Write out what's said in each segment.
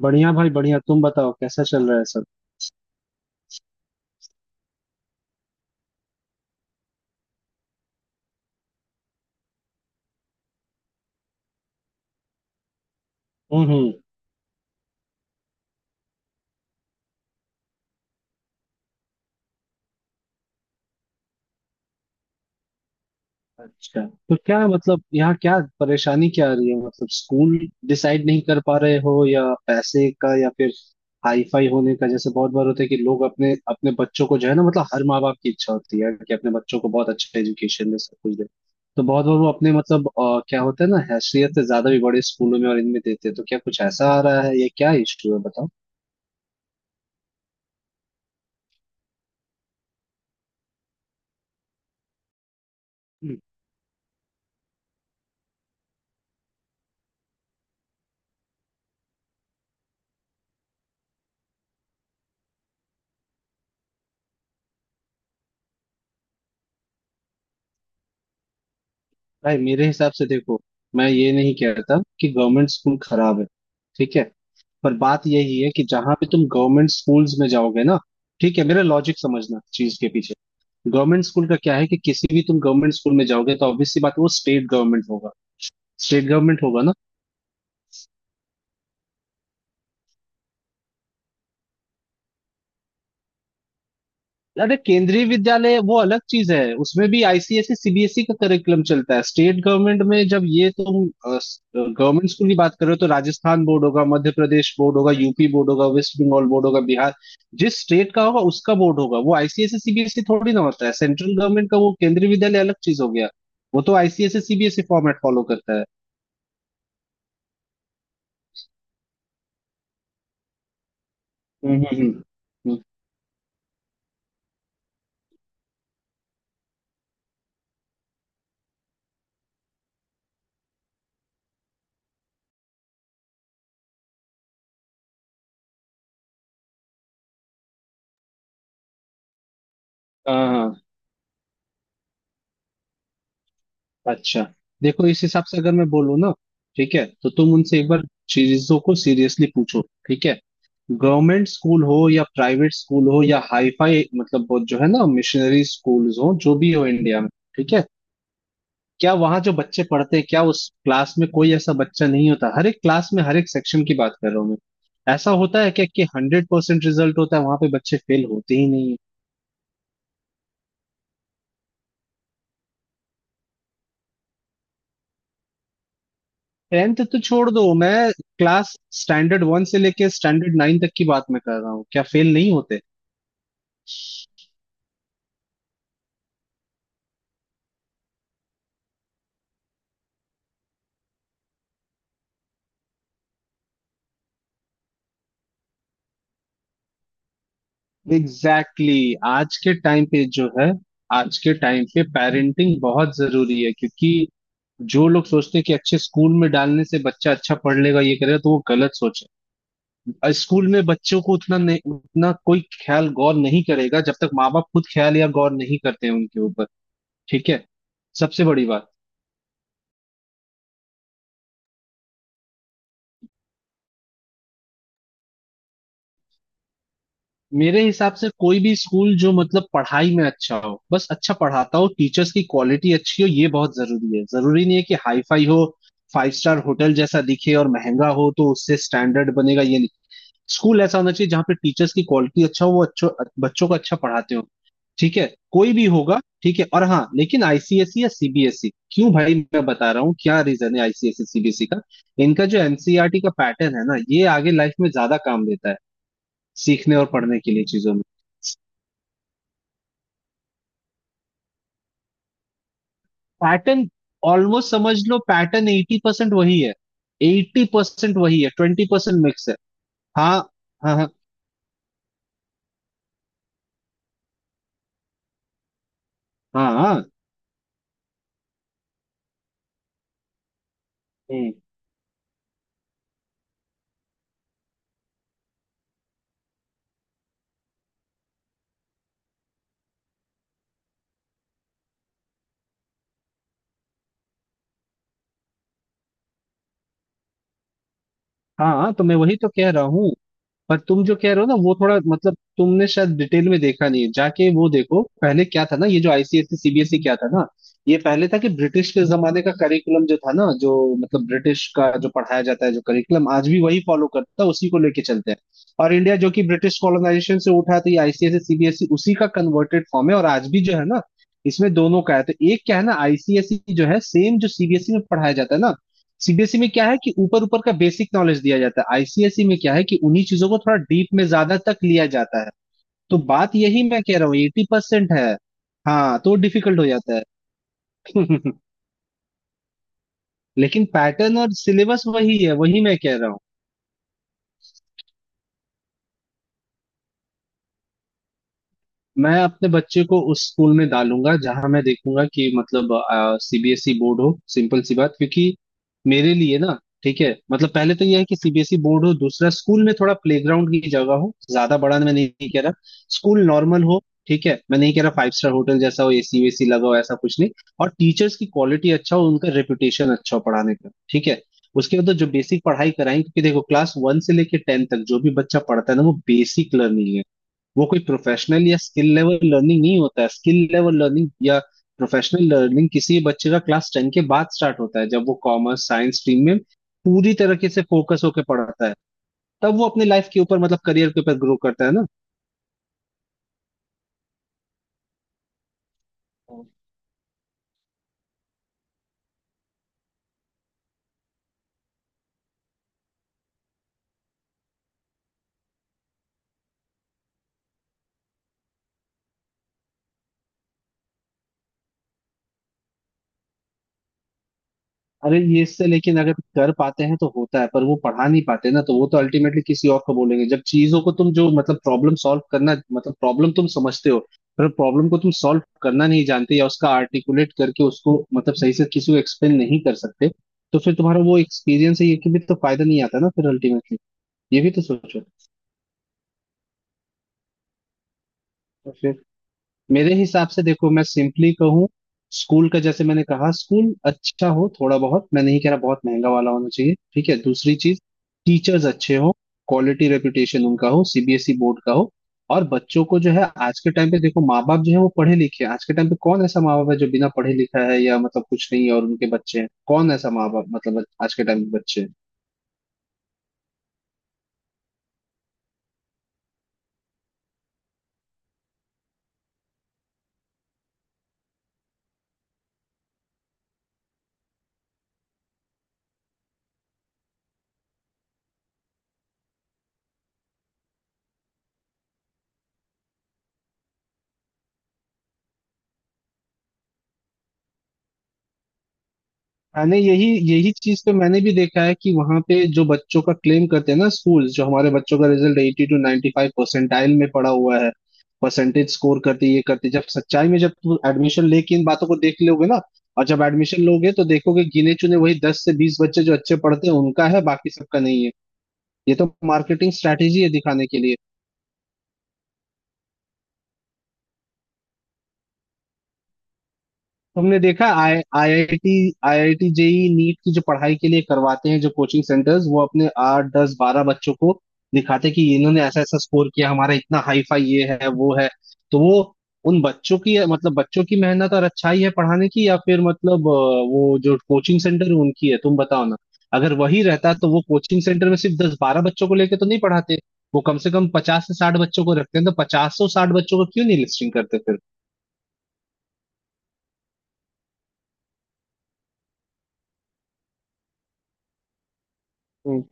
बढ़िया भाई बढ़िया। तुम बताओ कैसा चल रहा है सब। हम्म, हम्म। अच्छा। तो क्या मतलब यहाँ क्या परेशानी क्या आ रही है? मतलब स्कूल डिसाइड नहीं कर पा रहे हो, या पैसे का, या फिर हाई फाई होने का? जैसे बहुत बार होता है कि लोग अपने अपने बच्चों को जो है ना, मतलब हर माँ बाप की इच्छा होती है कि अपने बच्चों को बहुत अच्छा एजुकेशन दे, सब कुछ दे। तो बहुत बार वो अपने मतलब क्या होता है ना, हैसियत से ज्यादा भी बड़े स्कूलों में और इनमें देते हैं। तो क्या कुछ ऐसा आ रहा है? ये क्या इशू है, बताओ। भाई मेरे हिसाब से देखो, मैं ये नहीं कहता कि गवर्नमेंट स्कूल खराब है। ठीक है। पर बात यही है कि जहां पे तुम गवर्नमेंट स्कूल्स में जाओगे ना, ठीक है, मेरा लॉजिक समझना चीज के पीछे। गवर्नमेंट स्कूल का क्या है कि किसी भी तुम गवर्नमेंट स्कूल में जाओगे तो ऑब्वियस सी बात है, वो स्टेट गवर्नमेंट होगा। स्टेट गवर्नमेंट होगा ना। अरे केंद्रीय विद्यालय वो अलग चीज है, उसमें भी आईसीएसई सीबीएसई का करिकुलम चलता है। स्टेट गवर्नमेंट में जब ये तुम गवर्नमेंट स्कूल की बात कर रहे हो तो राजस्थान बोर्ड होगा, मध्य प्रदेश बोर्ड होगा, यूपी बोर्ड होगा, वेस्ट बंगाल बोर्ड होगा, बिहार, जिस स्टेट का होगा उसका बोर्ड होगा। वो आईसीएसई सीबीएसई थोड़ी ना होता है। सेंट्रल गवर्नमेंट का वो केंद्रीय विद्यालय अलग चीज हो गया, वो तो आईसीएसई सीबीएसई फॉर्मेट फॉलो करता है। हम्म, हम्म, हम्म। हम्म। हाँ हाँ। अच्छा। देखो इस हिसाब से अगर मैं बोलूँ ना, ठीक है, तो तुम उनसे एक बार चीजों को सीरियसली पूछो। ठीक है। गवर्नमेंट स्कूल हो या प्राइवेट स्कूल हो या हाईफाई मतलब वो जो है ना, मिशनरी स्कूल्स हो, जो भी हो इंडिया में। ठीक है। क्या वहाँ जो बच्चे पढ़ते हैं, क्या उस क्लास में कोई ऐसा बच्चा नहीं होता? हर एक क्लास में हर एक सेक्शन की बात कर रहा हूँ मैं। ऐसा होता है क्या कि 100% रिजल्ट होता है, वहां पे बच्चे फेल होते ही नहीं है? टेंथ तो छोड़ दो, मैं क्लास स्टैंडर्ड 1 से लेके स्टैंडर्ड 9 तक की बात मैं कर रहा हूँ, क्या फेल नहीं होते? Exactly exactly. आज के टाइम पे जो है, आज के टाइम पे पेरेंटिंग बहुत जरूरी है, क्योंकि जो लोग सोचते हैं कि अच्छे स्कूल में डालने से बच्चा अच्छा पढ़ लेगा ये करेगा, तो वो गलत सोच है। स्कूल में बच्चों को उतना नहीं, उतना कोई ख्याल गौर नहीं करेगा जब तक माँ बाप खुद ख्याल या गौर नहीं करते हैं उनके ऊपर। ठीक है। सबसे बड़ी बात, मेरे हिसाब से कोई भी स्कूल जो मतलब पढ़ाई में अच्छा हो, बस अच्छा पढ़ाता हो, टीचर्स की क्वालिटी अच्छी हो, ये बहुत जरूरी है। जरूरी नहीं है कि हाई फाई हो, फाइव स्टार होटल जैसा दिखे और महंगा हो तो उससे स्टैंडर्ड बनेगा, ये नहीं। स्कूल ऐसा होना चाहिए जहाँ पे टीचर्स की क्वालिटी अच्छा हो, वो अच्छो बच्चों को अच्छा पढ़ाते हो। ठीक है। कोई भी होगा, ठीक है। और हाँ लेकिन आईसीएसई या सीबीएसई क्यों? भाई मैं बता रहा हूँ क्या रीजन है आईसीएसई सीबीएसई का। इनका जो एनसीईआरटी का पैटर्न है ना, ये आगे लाइफ में ज्यादा काम देता है सीखने और पढ़ने के लिए चीजों में। पैटर्न ऑलमोस्ट समझ लो, पैटर्न 80% वही है। 80% वही है, 20% मिक्स है। हाँ हाँ हाँ। हाँ हाँ। हम्म, हाँ। तो मैं वही तो कह रहा हूँ। पर तुम जो कह रहे हो ना वो थोड़ा मतलब तुमने शायद डिटेल में देखा नहीं है जाके। वो देखो पहले क्या था ना, ये जो आईसीएसई सीबीएसई क्या था ना, ये पहले था कि ब्रिटिश के जमाने का करिकुलम जो था ना, जो मतलब ब्रिटिश का जो पढ़ाया जाता है, जो करिकुलम आज भी वही फॉलो करता है, उसी को लेके चलते हैं। और इंडिया जो कि ब्रिटिश कॉलोनाइजेशन से उठा, तो ये आईसीएसई सीबीएसई उसी का कन्वर्टेड फॉर्म है। और आज भी जो है ना, इसमें दोनों का है। तो एक क्या है ना, आईसीएसई जो है सेम जो सीबीएसई में पढ़ाया जाता है ना। सीबीएसई में क्या है कि ऊपर ऊपर का बेसिक नॉलेज दिया जाता है। आईसीएसई में क्या है कि उन्हीं चीजों को थोड़ा डीप में ज्यादा तक लिया जाता है। तो बात यही मैं कह रहा हूँ 80% है। हाँ तो डिफिकल्ट हो जाता है। लेकिन पैटर्न और सिलेबस वही है, वही मैं कह रहा हूँ। मैं अपने बच्चे को उस स्कूल में डालूंगा जहां मैं देखूंगा कि मतलब सीबीएसई बोर्ड हो, सिंपल सी बात। क्योंकि मेरे लिए ना, ठीक है, मतलब पहले तो यह है कि सीबीएसई बोर्ड हो, दूसरा स्कूल में थोड़ा प्लेग्राउंड की जगह हो। ज्यादा बड़ा मैं नहीं कह रहा, स्कूल नॉर्मल हो। ठीक है, मैं नहीं कह रहा फाइव स्टार होटल जैसा हो, एसी वेसी लगा हो, ऐसा कुछ नहीं। और टीचर्स की क्वालिटी अच्छा हो, उनका रेपुटेशन अच्छा हो पढ़ाने का। ठीक है। उसके बाद तो जो बेसिक पढ़ाई कराएं, क्योंकि देखो क्लास 1 से लेके 10 तक जो भी बच्चा पढ़ता है ना, वो बेसिक लर्निंग है। वो कोई प्रोफेशनल या स्किल लेवल लर्निंग नहीं होता है। स्किल लेवल लर्निंग या प्रोफेशनल लर्निंग किसी बच्चे का क्लास 10 के बाद स्टार्ट होता है, जब वो कॉमर्स साइंस स्ट्रीम में पूरी तरीके से फोकस होकर पढ़ता है। तब वो अपने लाइफ के ऊपर मतलब करियर के ऊपर ग्रो करता है। ना, अरे ये इससे लेकिन अगर कर पाते हैं तो होता है, पर वो पढ़ा नहीं पाते ना, तो वो तो अल्टीमेटली किसी और को बोलेंगे। जब चीजों को तुम जो मतलब प्रॉब्लम सॉल्व करना, मतलब प्रॉब्लम तुम समझते हो, पर प्रॉब्लम को तुम सॉल्व करना नहीं जानते, या उसका आर्टिकुलेट करके उसको मतलब सही से किसी को एक्सप्लेन नहीं कर सकते, तो फिर तुम्हारा वो एक्सपीरियंस है ये कि भी तो फायदा नहीं आता ना फिर अल्टीमेटली। ये भी तो सोचो। मेरे हिसाब से देखो, मैं सिंपली कहूँ, स्कूल का जैसे मैंने कहा स्कूल अच्छा हो। थोड़ा बहुत मैं नहीं कह रहा बहुत महंगा वाला होना चाहिए। ठीक है। दूसरी चीज, टीचर्स अच्छे हो, क्वालिटी रेपुटेशन उनका हो, सीबीएसई बोर्ड का हो। और बच्चों को जो है, आज के टाइम पे देखो माँ बाप जो है वो पढ़े लिखे हैं। आज के टाइम पे कौन ऐसा माँ बाप है जो बिना पढ़े लिखा है या मतलब कुछ नहीं है और उनके बच्चे हैं? कौन ऐसा माँ बाप मतलब आज के टाइम के बच्चे हैं? मैंने यही यही चीज तो मैंने भी देखा है कि वहां पे जो बच्चों का क्लेम करते हैं ना स्कूल्स, जो हमारे बच्चों का result eighty two 95 five percentile में पड़ा हुआ है, परसेंटेज स्कोर करते ये करते। जब सच्चाई में जब तुम एडमिशन लेके इन बातों को देख लोगे ना, और जब एडमिशन लोगे तो देखोगे गिने चुने वही 10 से 20 बच्चे जो अच्छे पढ़ते हैं उनका है, बाकी सबका नहीं है। ये तो मार्केटिंग स्ट्रैटेजी है दिखाने के लिए। तुमने देखा I IIT IIT JEE NEET की जो पढ़ाई के लिए करवाते हैं जो कोचिंग सेंटर्स, वो अपने 8, 10, 12 बच्चों को दिखाते कि इन्होंने ऐसा ऐसा स्कोर किया, हमारा इतना हाई फाई ये है वो है। तो वो उन बच्चों की मतलब बच्चों की मेहनत और अच्छाई है पढ़ाने की, या फिर मतलब वो जो कोचिंग सेंटर है उनकी है, तुम बताओ ना। अगर वही रहता तो वो कोचिंग सेंटर में सिर्फ 10, 12 बच्चों को लेके तो नहीं पढ़ाते। वो कम से कम 50 से 60 बच्चों को रखते हैं, तो 50, 100, 60 बच्चों को क्यों नहीं लिस्टिंग करते? फिर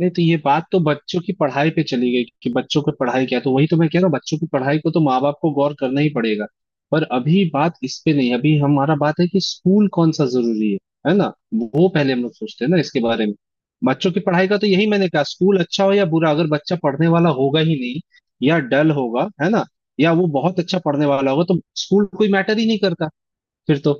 नहीं तो ये बात तो बच्चों की पढ़ाई पे चली गई कि बच्चों की पढ़ाई क्या है। तो वही तो मैं कह रहा हूँ बच्चों की पढ़ाई को तो माँ बाप को गौर करना ही पड़ेगा। पर अभी बात इस पे नहीं है। अभी हमारा बात है कि स्कूल कौन सा जरूरी है ना, वो पहले हम लोग सोचते हैं ना इसके बारे में। बच्चों की पढ़ाई का तो यही मैंने कहा, स्कूल अच्छा हो या बुरा अगर बच्चा पढ़ने वाला होगा ही नहीं, या डल होगा, है ना, या वो बहुत अच्छा पढ़ने वाला होगा तो स्कूल कोई मैटर ही नहीं करता फिर तो।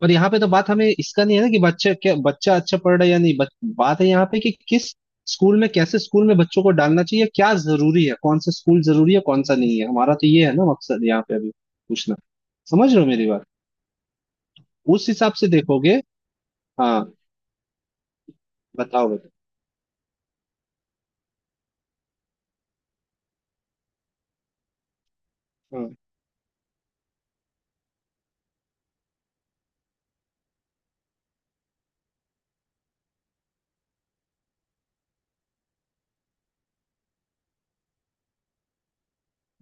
पर यहाँ पे तो बात हमें इसका नहीं है ना कि बच्चा क्या, बच्चा अच्छा पढ़ रहा है या नहीं, बात है यहाँ पे कि किस स्कूल में, कैसे स्कूल में बच्चों को डालना चाहिए, क्या जरूरी है, कौन सा स्कूल जरूरी है, कौन सा नहीं है। हमारा तो ये है ना मकसद यहाँ पे अभी पूछना। समझ रहे हो मेरी बात? उस हिसाब से देखोगे। हाँ, बताओ बताओ। हाँ।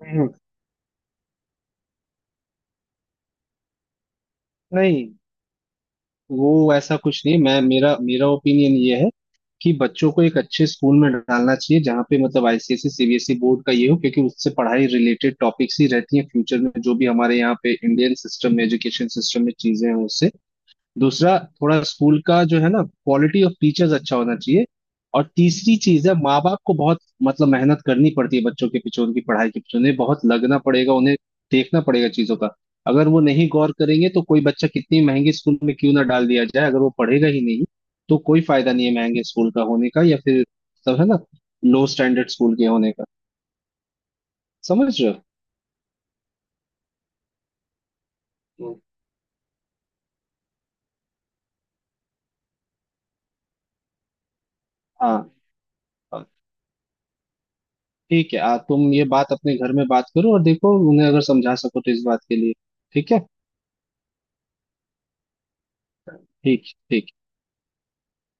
हम्म, नहीं, वो ऐसा कुछ नहीं। मैं मेरा मेरा ओपिनियन ये है कि बच्चों को एक अच्छे स्कूल में डालना चाहिए जहाँ पे मतलब आईसीएसई सीबीएसई बोर्ड का ये हो, क्योंकि उससे पढ़ाई रिलेटेड टॉपिक्स ही रहती हैं फ्यूचर में जो भी हमारे यहाँ पे इंडियन सिस्टम में एजुकेशन सिस्टम में चीजें हैं उससे। दूसरा, थोड़ा स्कूल का जो है ना क्वालिटी ऑफ टीचर्स अच्छा होना चाहिए। और तीसरी चीज है, माँ बाप को बहुत मतलब मेहनत करनी पड़ती है बच्चों के पीछे, उनकी पढ़ाई के पीछे उन्हें बहुत लगना पड़ेगा, उन्हें देखना पड़ेगा चीजों का। अगर वो नहीं गौर करेंगे तो कोई बच्चा कितनी महंगे स्कूल में क्यों ना डाल दिया जाए, अगर वो पढ़ेगा ही नहीं तो कोई फायदा नहीं है महंगे स्कूल का होने का, या फिर सब है ना लो स्टैंडर्ड स्कूल के होने का। समझ रहे हो? हम्म। हाँ। हाँ, ठीक है। तुम ये बात अपने घर में बात करो और देखो उन्हें अगर समझा सको तो इस बात के लिए। ठीक है। ठीक ठीक।